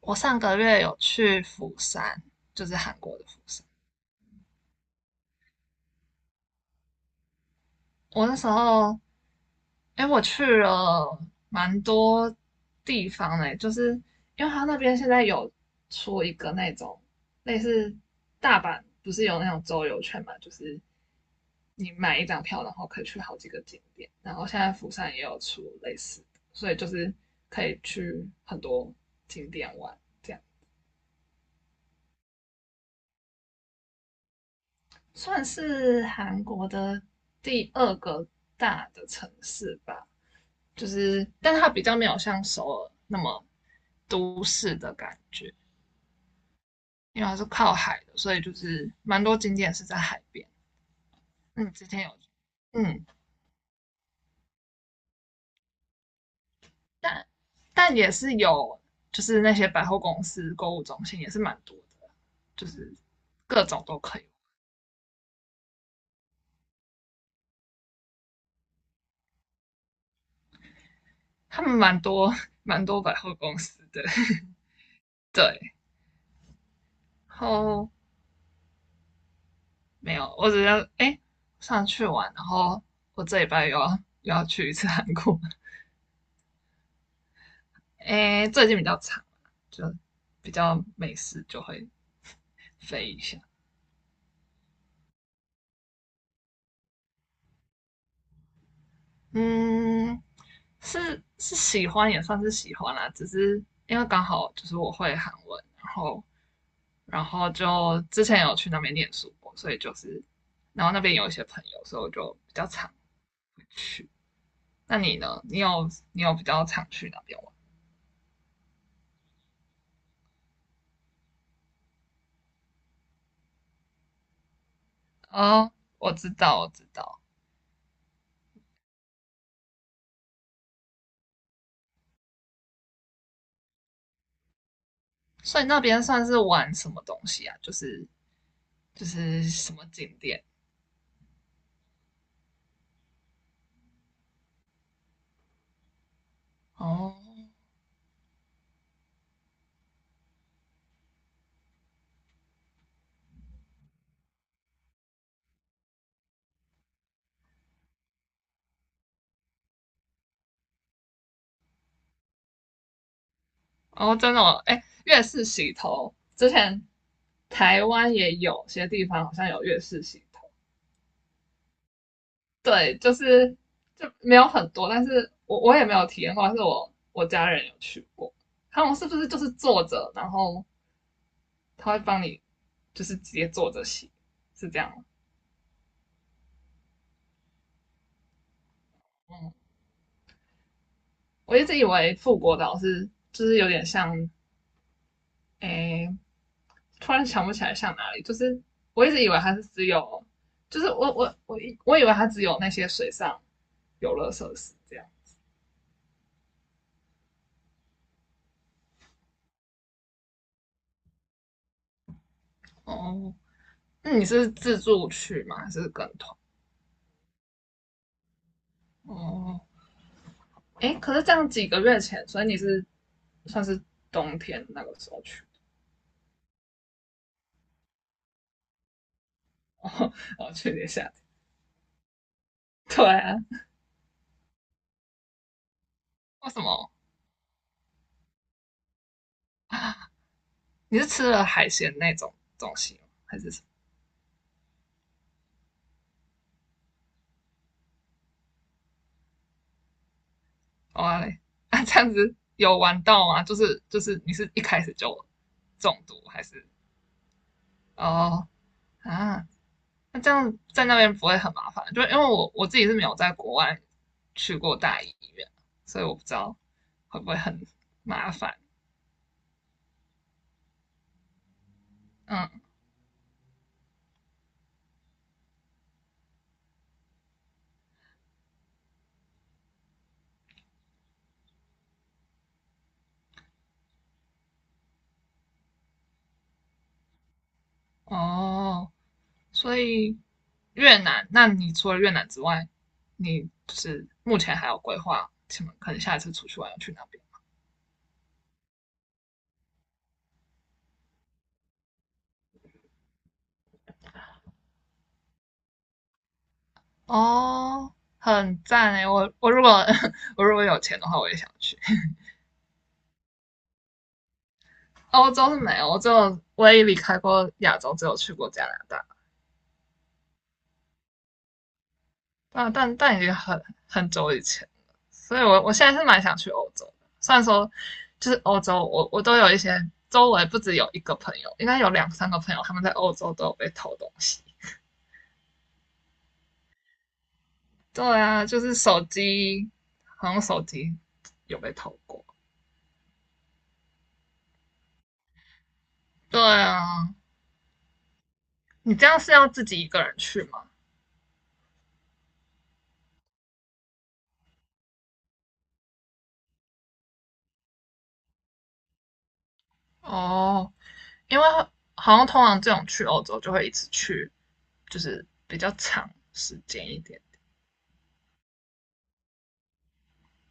我上个月有去釜山，就是韩国的釜山。我那时候，我去了蛮多地方呢，就是因为他那边现在有出一个那种类似大阪，不是有那种周游券嘛，就是你买一张票，然后可以去好几个景点。然后现在釜山也有出类似的，所以就是可以去很多景点玩。这样。算是韩国的第二个大的城市吧，就是，但它比较没有像首尔那么都市的感觉，因为它是靠海的，所以就是蛮多景点是在海边。嗯，之前有，嗯，但但也是有，就是那些百货公司、购物中心也是蛮多的，就是各种都可以。他们蛮多百货公司的，对，然后没有，我只要上去玩，然后我这礼拜又要去一次韩国，最近比较长，就比较没事就会飞一下。嗯，是喜欢也算是喜欢啦，只是因为刚好就是我会韩文，然后就之前有去那边念书过，所以就是然后那边有一些朋友，所以我就比较常去。那你呢？你有比较常去那边玩？哦，我知道，我知道。所以那边算是玩什么东西啊？就是，什么景点。哦哦，真的哦，月式洗头之前台湾也有些地方好像有月式洗头。对，就是就没有很多，但是我也没有体验过，但是我家人有去过，他们是不是就是坐着，然后他会帮你就是直接坐着洗，是这样吗？嗯，我一直以为富国岛是就是有点像，诶突然想不起来像哪里，就是我一直以为它是只有，就是我以为它只有那些水上游乐设施这样。哦，那你是自助去吗？还是跟团？哦，可是这样几个月前，所以你是算是冬天那个时候去。哦，后去年夏天。对啊。为什么？你是吃了海鲜那种东西吗？还是什么？哦嘞，啊，这样子有玩到吗？你是一开始就中毒还是？哦，啊，那这样在那边不会很麻烦？就因为我自己是没有在国外去过大医院，所以我不知道会不会很麻烦。嗯，哦，所以越南，那你除了越南之外，你就是目前还有规划什么？可能下一次出去玩要去哪边？哦，很赞诶，我如果 我如果有钱的话，我也想去。欧洲是没有，我只有唯一离开过亚洲，只有去过加拿大。啊，但已经很久以前了，所以我现在是蛮想去欧洲的。虽然说就是欧洲，我都有一些，周围不止有一个朋友，应该有两三个朋友他们在欧洲都有被偷东西。对啊，就是手机，好像手机有被偷过。对啊，你这样是要自己一个人去吗？哦，因为好像通常这种去欧洲就会一直去，就是比较长时间一点。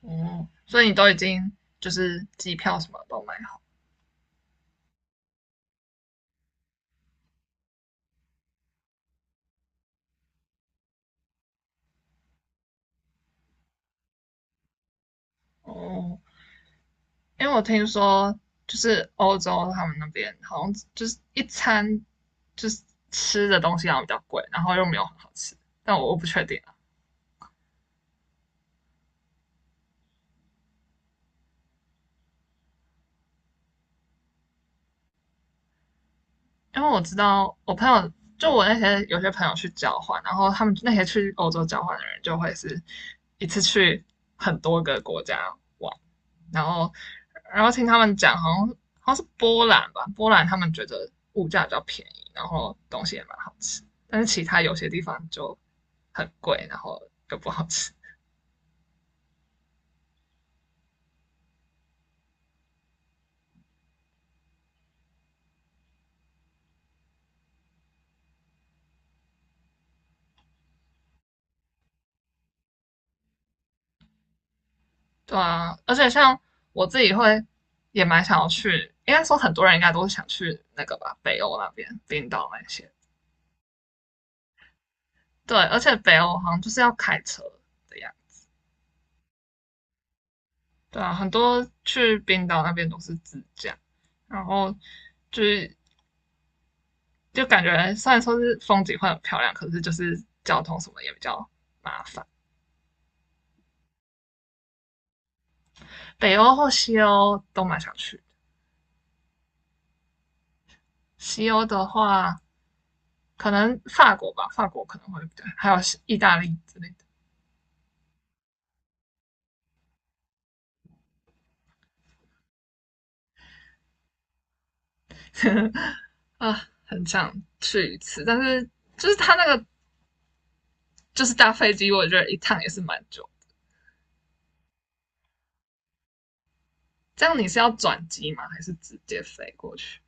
哦，所以你都已经就是机票什么都买好哦。因为我听说就是欧洲他们那边好像就是一餐就是吃的东西好像比较贵，然后又没有很好吃，但我不确定。因为我知道我朋友，就我那些有些朋友去交换，然后他们那些去欧洲交换的人，就会是一次去很多个国家玩，然后然后听他们讲，好像是波兰吧，波兰他们觉得物价比较便宜，然后东西也蛮好吃，但是其他有些地方就很贵，然后就不好吃。对啊，而且像我自己会也蛮想要去，应该说很多人应该都想去那个吧，北欧那边，冰岛那些。对，而且北欧好像就是要开车的样子。对啊，很多去冰岛那边都是自驾，然后就是就感觉虽然说是风景会很漂亮，可是就是交通什么也比较麻烦。北欧或西欧都蛮想去。西欧的话，可能法国吧，法国可能会，对，还有意大利之类的。啊，很想去一次。但是就是它那个就是搭飞机，我觉得一趟也是蛮久。这样你是要转机吗？还是直接飞过去？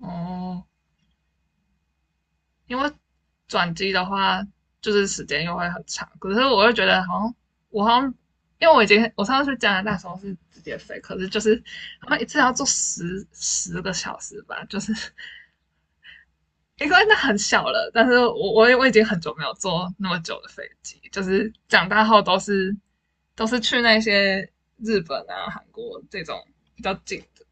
哦，因为转机的话，就是时间又会很长。可是我又觉得好像我好像，因为我已经，我上次去加拿大的时候是直接飞，可是就是好像一次要坐十个小时吧，就是 因为那很小了。但是我已经很久没有坐那么久的飞机，就是长大后都是去那些日本啊、韩国这种比较近的。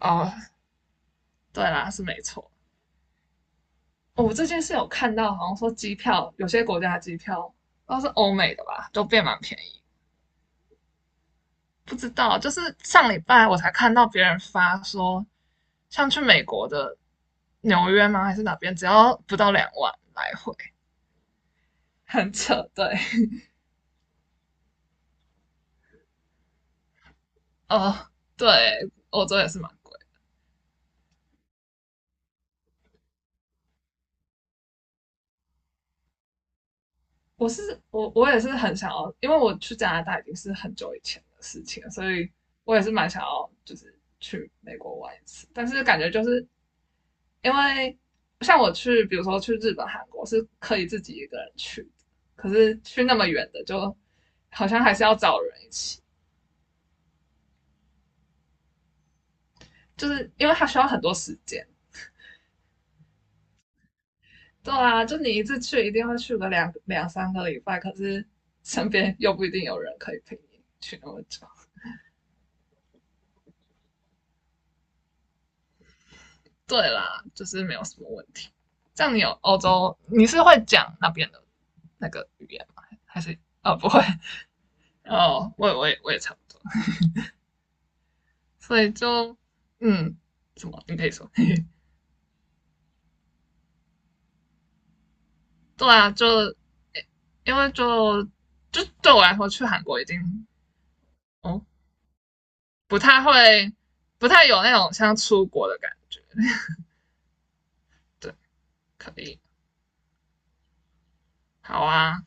哦，对啦，是没错。哦，我最近是有看到，好像说机票，有些国家的机票，都是欧美的吧，都变蛮便宜。不知道，就是上礼拜我才看到别人发说，像去美国的纽约吗？还是哪边，只要不到2万来回，很扯。对。哦，对，欧洲也是蛮贵。我是我也是很想要，因为我去加拿大已经是很久以前的事情了，所以我也是蛮想要就是去美国玩一次，但是感觉就是，因为像我去，比如说去日本、韩国是可以自己一个人去的，可是去那么远的就好像还是要找人一起，就是因为他需要很多时间。对啊，就你一次去一定会去个两三个礼拜，可是身边又不一定有人可以陪你去那么久。对啦，就是没有什么问题。这样你有，欧洲，你是会讲那边的那个语言吗？还是不会？哦，我也差不多，所以就，嗯，什么你可以说？对啊，就因为就对我来说，去韩国已经哦不太会，不太有那种像出国的感觉。对，可以，好啊，